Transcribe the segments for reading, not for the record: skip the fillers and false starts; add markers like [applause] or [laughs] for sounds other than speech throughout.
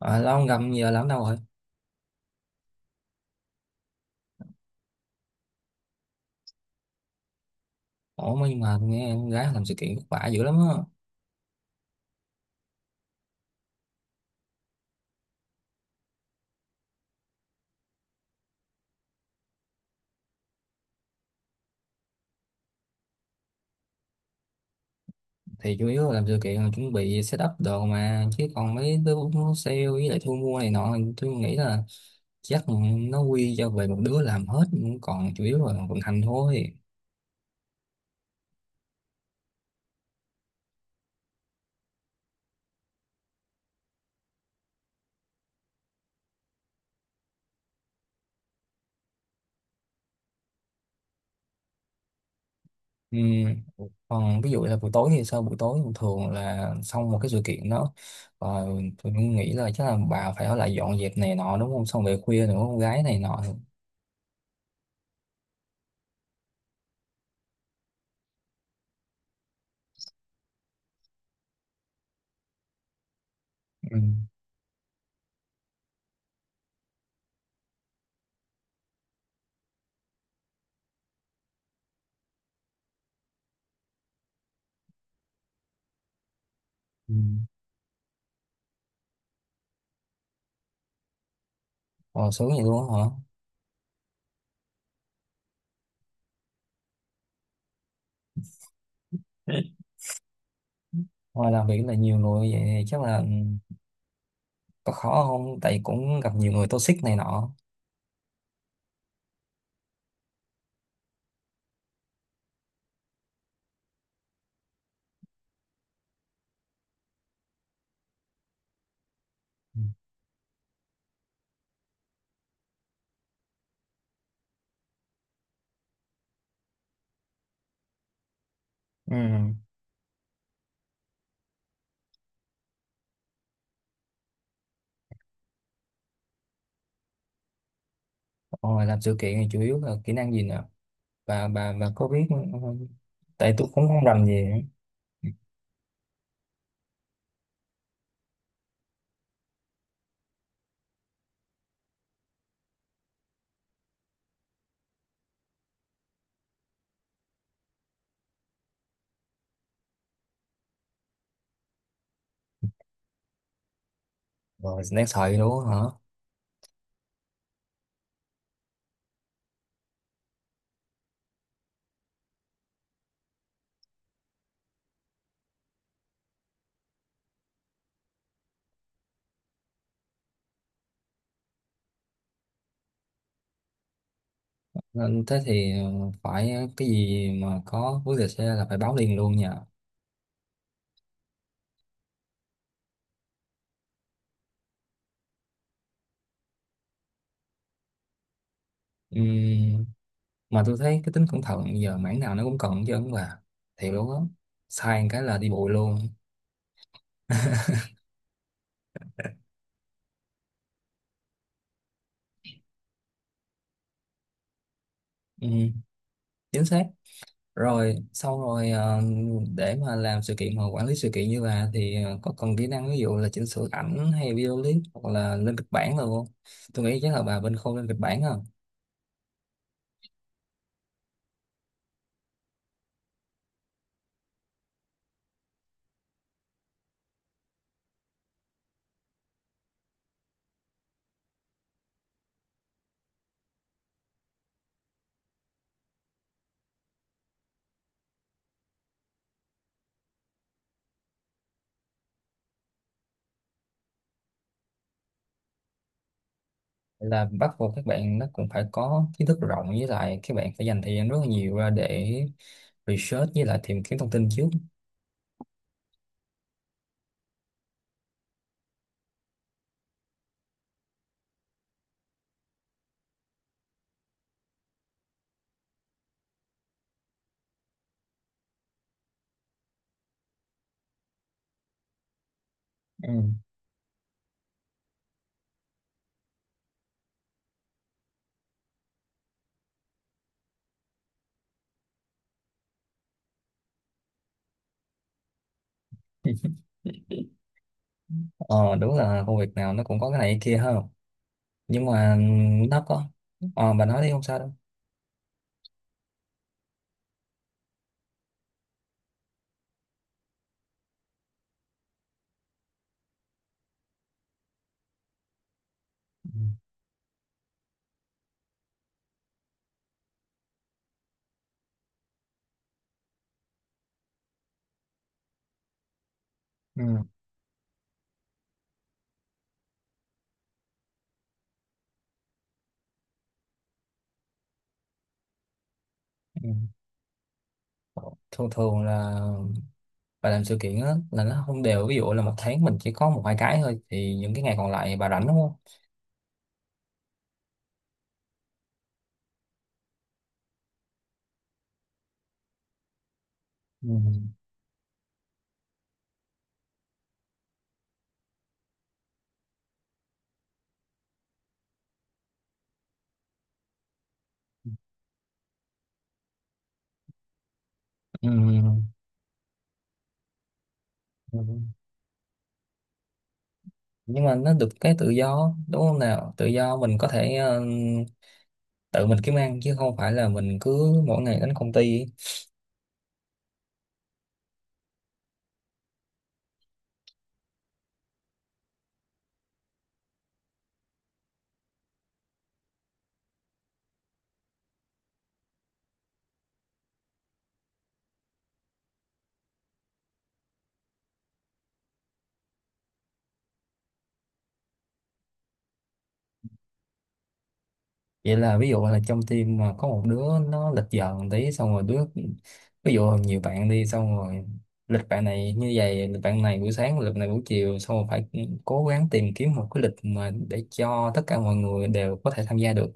À, lâu không gặp giờ làm đâu rồi. Ủa mà nhưng mà tôi nghe con gái làm sự kiện vất vả dữ lắm á. Thì chủ yếu là làm sự kiện là chuẩn bị setup đồ mà, chứ còn mấy đứa nó sale với lại thu mua này nọ tôi nghĩ là chắc nó quy cho về một đứa làm hết, còn chủ yếu là vận hành thôi. Ừ. Còn ví dụ là buổi tối thì sao, buổi tối thường thường là xong một cái sự kiện đó rồi tôi cũng nghĩ là chắc là bà phải ở lại dọn dẹp này nọ đúng không, xong về khuya nữa con gái này nọ. Ừ. Ừ. Ồ, sướng vậy luôn á. Hả? [laughs] Ngoài làm việc là nhiều người vậy thì chắc là, có khó không, tại cũng gặp nhiều người toxic này nọ. Ừ. Ừ. Rồi làm sự kiện thì chủ yếu là kỹ năng gì nè, bà có biết, ừ, tại tôi cũng không rành gì. Rồi đáng sợ vậy đúng không hả. Nên thế thì phải cái gì mà có vấn đề xe là phải báo liền luôn nha. Ừm, mà tôi thấy cái tính cẩn thận giờ mảng nào nó cũng cần chứ bà, thiệt luôn á, sai một cái là đi bụi luôn. Ừm. Chính xác. Rồi xong rồi để mà làm sự kiện hoặc quản lý sự kiện như bà thì có cần kỹ năng ví dụ là chỉnh sửa ảnh hay video clip hoặc là lên kịch bản rồi không, tôi nghĩ chắc là bà bên khâu lên kịch bản không. Là bắt buộc các bạn nó cũng phải có kiến thức rộng, với lại các bạn phải dành thời gian rất là nhiều ra để research với lại tìm kiếm thông tin trước. Ừ. Ờ đúng là công việc nào nó cũng có cái này cái kia ha, nhưng mà nó có, ờ bà nói đi không sao đâu. Ừ. Ừ. Ừ. Thường thường là bà làm sự kiện á là nó không đều, ví dụ là một tháng mình chỉ có một hai cái thôi thì những cái ngày còn lại bà rảnh đúng không. Ừ. Ừ. Ừ. Nhưng mà nó được cái tự do đúng không nào, tự do mình có thể tự mình kiếm ăn chứ không phải là mình cứ mỗi ngày đến công ty. Vậy là ví dụ là trong team mà có một đứa nó lịch giờ một tí xong rồi đứa, ví dụ nhiều bạn đi xong rồi lịch bạn này như vậy, lịch bạn này buổi sáng, lịch này buổi chiều, xong rồi phải cố gắng tìm kiếm một cái lịch mà để cho tất cả mọi người đều có thể tham gia được.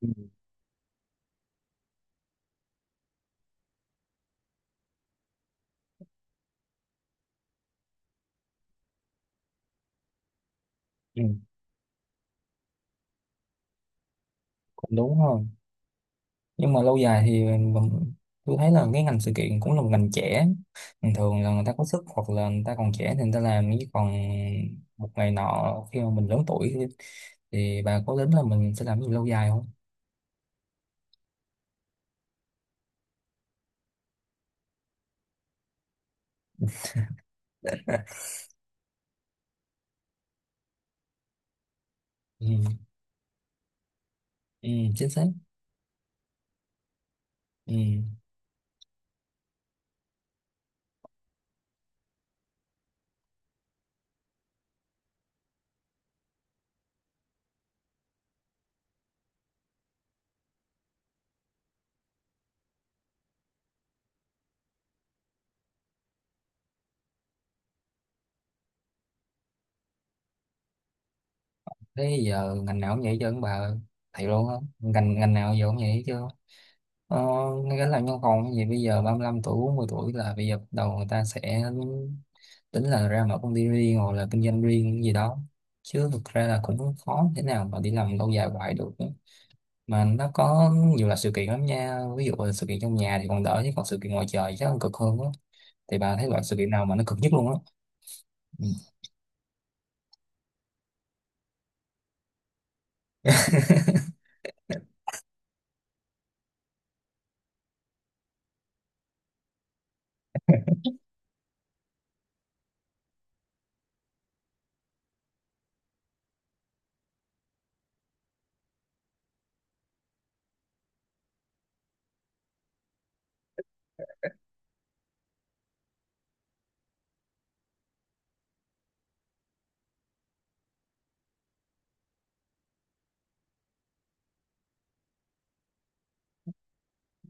Ừ. Ừ, cũng đúng ha, nhưng mà lâu dài thì mình- tôi thấy là cái ngành sự kiện cũng là một ngành trẻ, bình thường là người ta có sức hoặc là người ta còn trẻ thì người ta làm, chứ còn một ngày nọ khi mà mình lớn tuổi thì bà có tính là mình sẽ làm gì lâu dài không. Ừ, ừ chính xác. Ừ thế giờ ngành nào cũng vậy chứ bà, thầy luôn không, ngành ngành nào giờ cũng vậy chứ. Ờ, ngay cả làm văn phòng thì bây giờ 35 tuổi 40 tuổi là bây giờ bắt đầu người ta sẽ tính là ra mở công ty riêng hoặc là kinh doanh riêng gì đó, chứ thực ra là cũng khó thế nào mà đi làm lâu dài hoài được, mà nó có nhiều là sự kiện lắm nha, ví dụ là sự kiện trong nhà thì còn đỡ chứ còn sự kiện ngoài trời chắc còn cực hơn á, thì bà thấy loại sự kiện nào mà nó cực nhất luôn á. Ừ.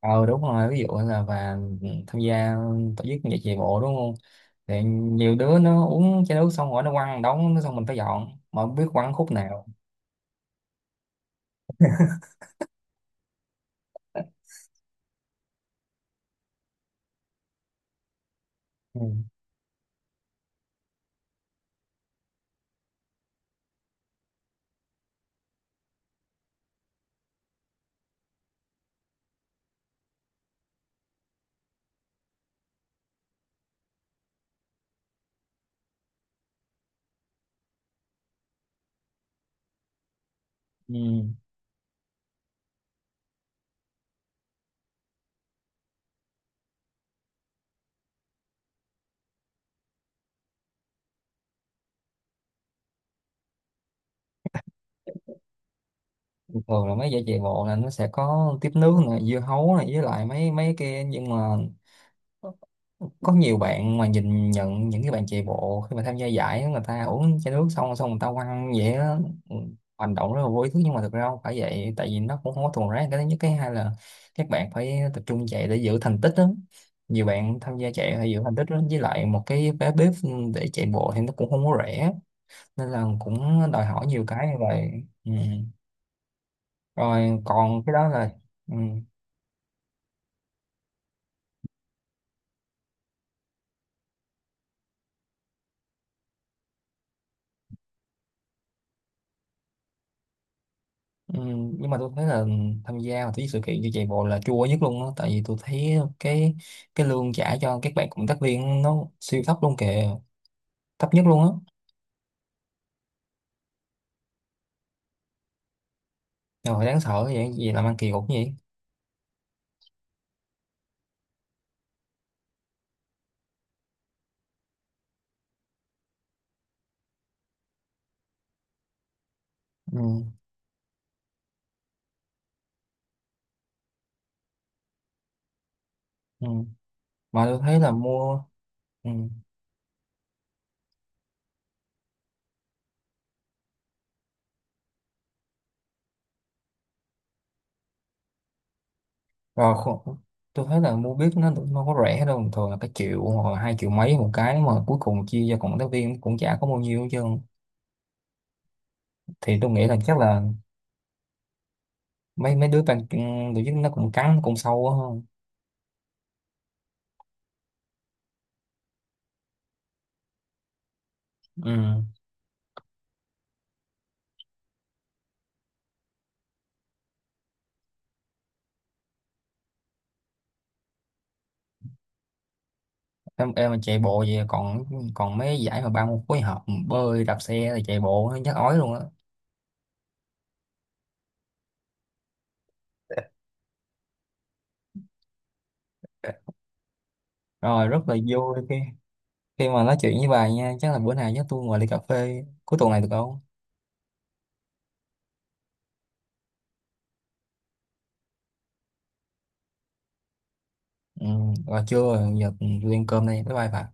Ờ đúng rồi, ví dụ là và tham gia tổ chức giải chạy bộ đúng không, thì nhiều đứa nó uống chai nước xong rồi nó quăng đống, xong mình phải dọn mà không biết quăng khúc nào. Ừ. Ừ. Thường là mấy giải chạy bộ là nó sẽ có tiếp nước này, dưa hấu này, với lại mấy mấy kia, nhưng mà có nhiều bạn mà nhìn nhận những cái bạn chạy bộ, khi mà tham gia giải á, người ta uống chai nước xong xong người ta quăng vậy á. Ừ, hành động rất là vô ý thức nhưng mà thực ra không phải vậy, tại vì nó cũng không có thuần rác, cái thứ nhất, cái hai là các bạn phải tập trung chạy để giữ thành tích đó. Nhiều bạn tham gia chạy phải giữ thành tích đó, với lại một cái vé bếp để chạy bộ thì nó cũng không có rẻ, nên là cũng đòi hỏi nhiều cái như vậy. Ừ. Rồi còn cái đó là. Ừ. Ừ, nhưng mà tôi thấy là tham gia vào cái sự kiện như chạy bộ là chua nhất luôn á, tại vì tôi thấy cái lương trả cho các bạn cộng tác viên nó siêu thấp luôn kìa, thấp nhất luôn á. Rồi đáng sợ vậy, gì làm ăn kỳ cục như vậy. Ừ. Ừ. Mà tôi thấy là mua. Ừ. Rồi khu- tôi thấy là mua biết nó cũng không có rẻ đâu, thường là cái triệu hoặc là 2 triệu mấy một cái, mà cuối cùng chia cho cộng tác viên cũng chả có bao nhiêu hết trơn, thì tôi nghĩ là chắc là mấy mấy đứa ban tổ chức nó cũng cắn cũng sâu á. Ừ. em mà chạy bộ vậy còn, còn mấy giải mà ba môn phối hợp bơi đạp xe rồi chạy bộ nó chắc ói luôn á. Rồi rất là vui khi, khi mà nói chuyện với bà nha, chắc là bữa nào chắc tôi ngồi ly cà phê cuối tuần này được không. Ừ, rồi chưa, giờ tôi ăn cơm đây, bye bye bà.